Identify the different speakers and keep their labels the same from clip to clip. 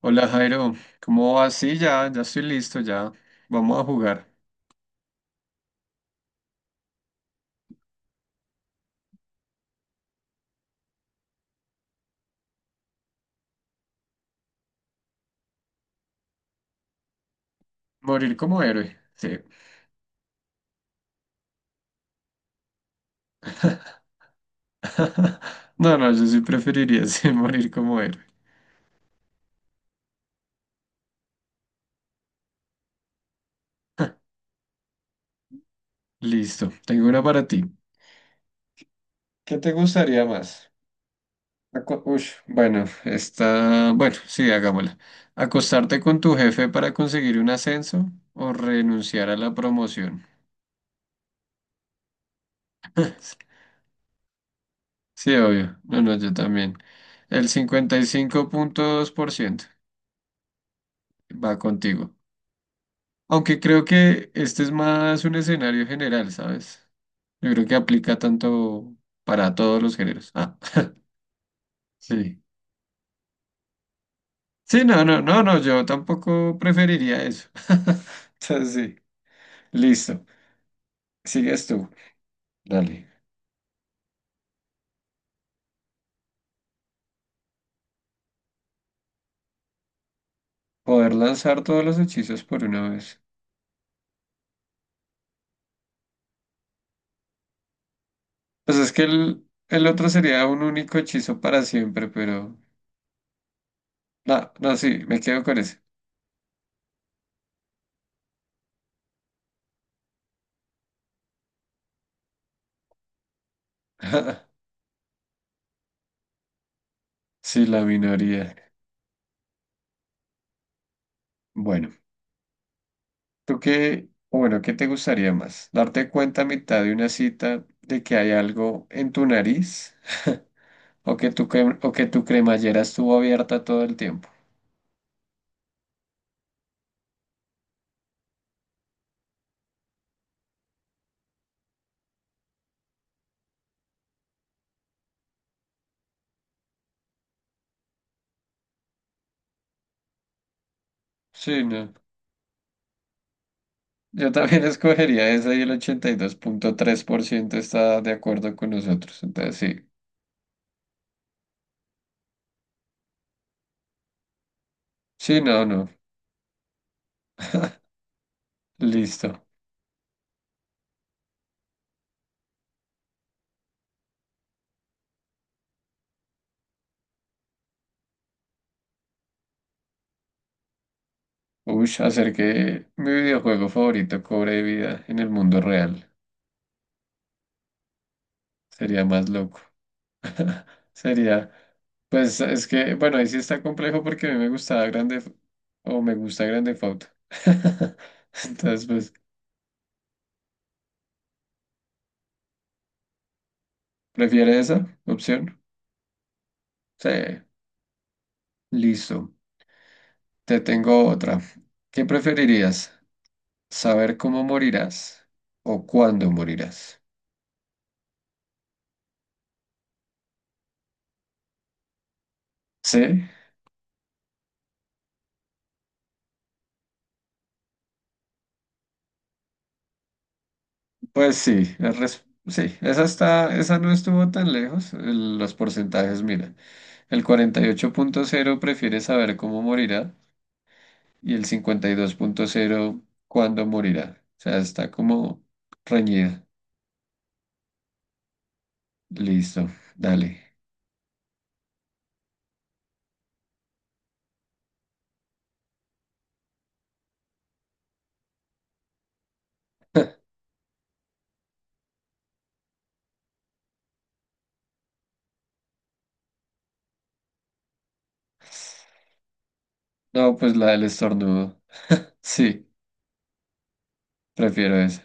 Speaker 1: Hola Jairo, ¿cómo vas? Sí, ya, ya estoy listo, ya. Vamos a jugar. Morir como héroe. Sí. No, no, yo sí preferiría sí, morir como héroe. Listo, tengo una para ti. ¿Qué te gustaría más? Bueno, sí, hagámosla. ¿Acostarte con tu jefe para conseguir un ascenso o renunciar a la promoción? Sí, obvio. No, no, yo también. El 55.2% va contigo. Aunque creo que este es más un escenario general, ¿sabes? Yo creo que aplica tanto para todos los géneros. Ah, sí. Sí, no, no, no, no, yo tampoco preferiría eso. Entonces, sí, listo. Sigues tú. Dale. Poder lanzar todos los hechizos por una vez. Pues es que el otro sería un único hechizo para siempre, pero... No, no, sí, me quedo con ese. Sí, la minoría. Bueno. ¿Tú qué, o bueno, qué te gustaría más? ¿Darte cuenta a mitad de una cita de que hay algo en tu nariz? ¿O que o que tu cremallera estuvo abierta todo el tiempo? Sí, no. Yo también escogería esa y el 82.3% está de acuerdo con nosotros. Entonces, sí. Sí, no, no. Listo. Uy, hacer que mi videojuego favorito cobre vida en el mundo real. Sería más loco. Sería. Pues es que, bueno, ahí sí está complejo porque a mí me gustaba Grande F- o me gusta Grande Foto. Entonces, pues, ¿prefiere esa opción? Sí, listo. Te tengo otra. ¿Qué preferirías? ¿Saber cómo morirás o cuándo morirás? Sí, pues sí, sí, esa no estuvo tan lejos. Los porcentajes, mira, el 48.0 prefiere saber cómo morirá y el 52.0 cuándo morirá. O sea, está como reñida. Listo, dale. No, pues la del estornudo. Sí, prefiero esa.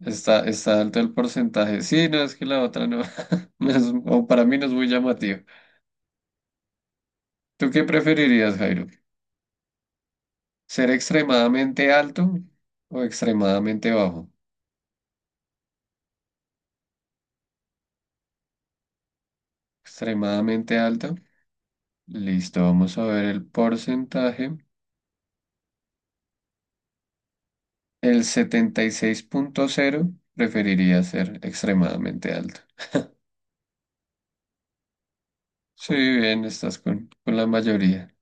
Speaker 1: Está alto el porcentaje. Sí, no, es que la otra no. No es- O para mí no es muy llamativo. ¿Tú qué preferirías, Jairo? ¿Ser extremadamente alto o extremadamente bajo? Extremadamente alto. Listo, vamos a ver el porcentaje. El 76.0 preferiría ser extremadamente alto. Sí, bien, estás con la mayoría.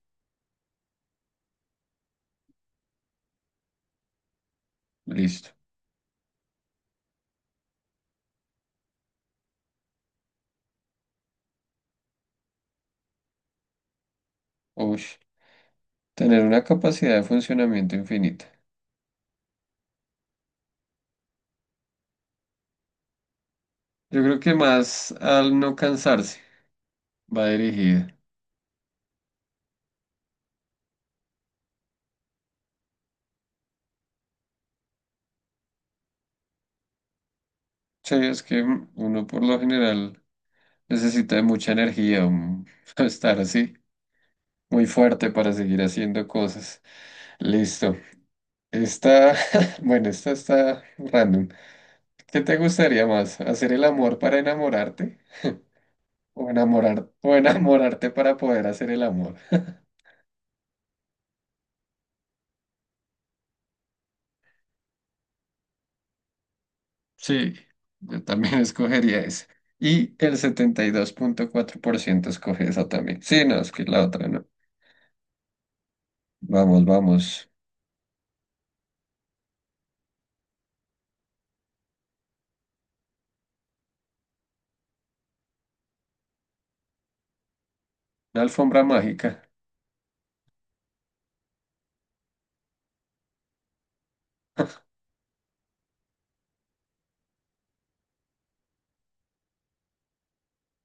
Speaker 1: Listo. Uy, tener una capacidad de funcionamiento infinita. Yo creo que más al no cansarse va dirigida. Sí, es que uno por lo general necesita de mucha energía, estar así, muy fuerte para seguir haciendo cosas. Listo. Esta, bueno, esta está random. ¿Qué te gustaría más? ¿Hacer el amor para enamorarte? O o enamorarte para poder hacer el amor. Sí, yo también escogería esa. Y el 72.4% escoge esa también. Sí, no, es que la otra no. Vamos, vamos. Una alfombra mágica.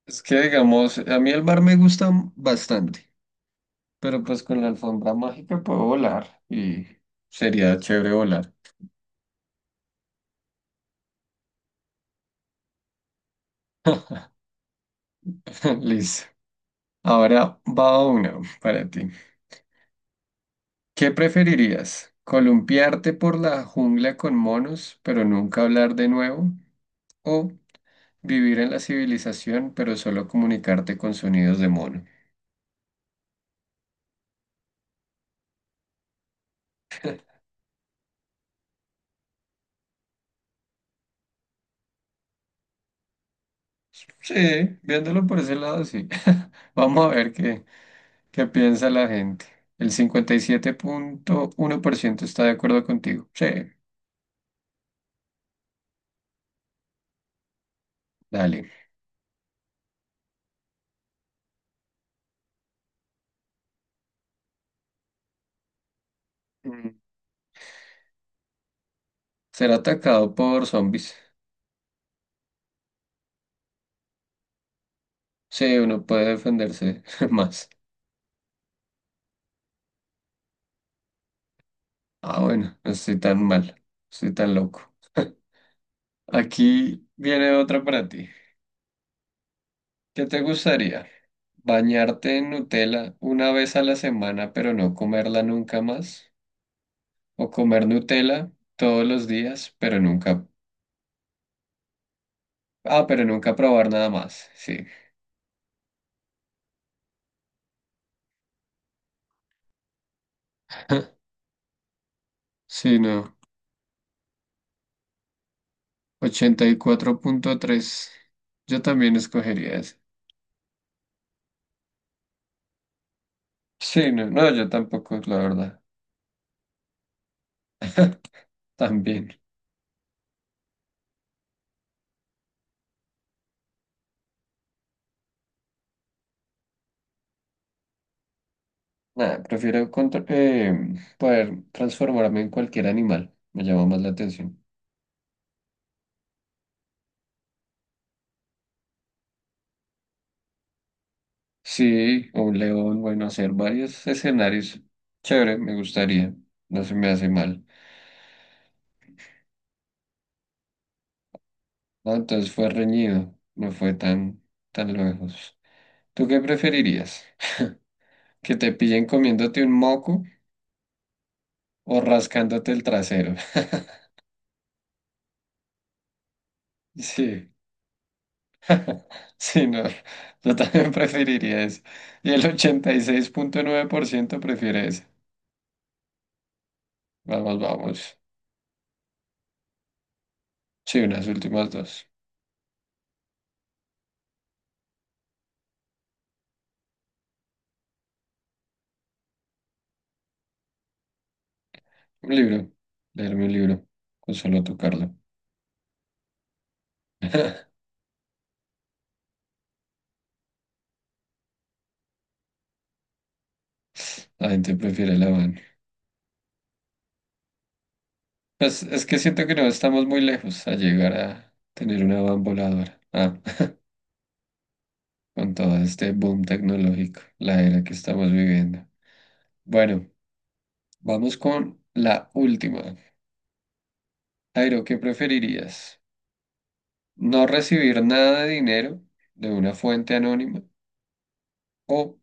Speaker 1: Es que, digamos, a mí el mar me gusta bastante, pero pues con la alfombra mágica puedo volar y sería chévere volar. Listo. Ahora va una para ti. ¿Qué preferirías? ¿Columpiarte por la jungla con monos, pero nunca hablar de nuevo? ¿O vivir en la civilización, pero solo comunicarte con sonidos de mono? Sí, viéndolo por ese lado, sí. Vamos a ver qué piensa la gente. El 57.1% está de acuerdo contigo. Sí, dale. Mm. Ser atacado por zombies. Sí, uno puede defenderse más. Ah, bueno, no estoy tan mal, no estoy tan loco. Aquí viene otra para ti. ¿Qué te gustaría? ¿Bañarte en Nutella una vez a la semana, pero no comerla nunca más? ¿O comer Nutella todos los días, pero nunca... Ah, pero nunca probar nada más. Sí. Sí, no. 84.3. Yo también escogería ese. Sí, no, no, yo tampoco, la verdad. También. Nada, prefiero poder transformarme en cualquier animal. Me llama más la atención. Sí, o León, bueno, hacer varios escenarios. Chévere, me gustaría. No se me hace mal. No, entonces fue reñido, no fue tan lejos. ¿Tú qué preferirías? ¿Que te pillen comiéndote un moco o rascándote el trasero? Sí, sí, no. Yo también preferiría eso. Y el 86.9% prefiere eso. Vamos, vamos. Sí, unas últimas dos. Un libro. Leerme un libro. Con solo tocarlo. La gente prefiere la van. Es que siento que no estamos muy lejos a llegar a tener una van voladora. Ah, con todo este boom tecnológico, la era que estamos viviendo. Bueno, vamos con la última. Jairo, ¿qué preferirías? ¿No recibir nada de dinero de una fuente anónima o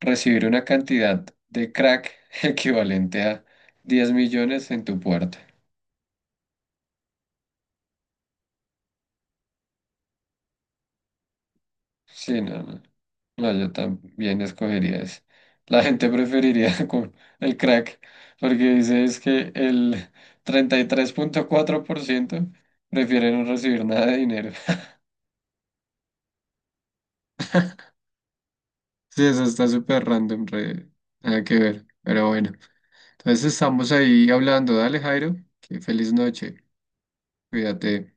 Speaker 1: recibir una cantidad de crack equivalente a 10 millones en tu puerta? Sí, no, no. No, yo también escogería eso. La gente preferiría con el crack, porque dice es que el 33.4% prefieren no recibir nada de dinero. Sí, eso está súper random, nada que ver. Pero bueno, entonces estamos ahí hablando. Dale, Jairo, que feliz noche. Cuídate.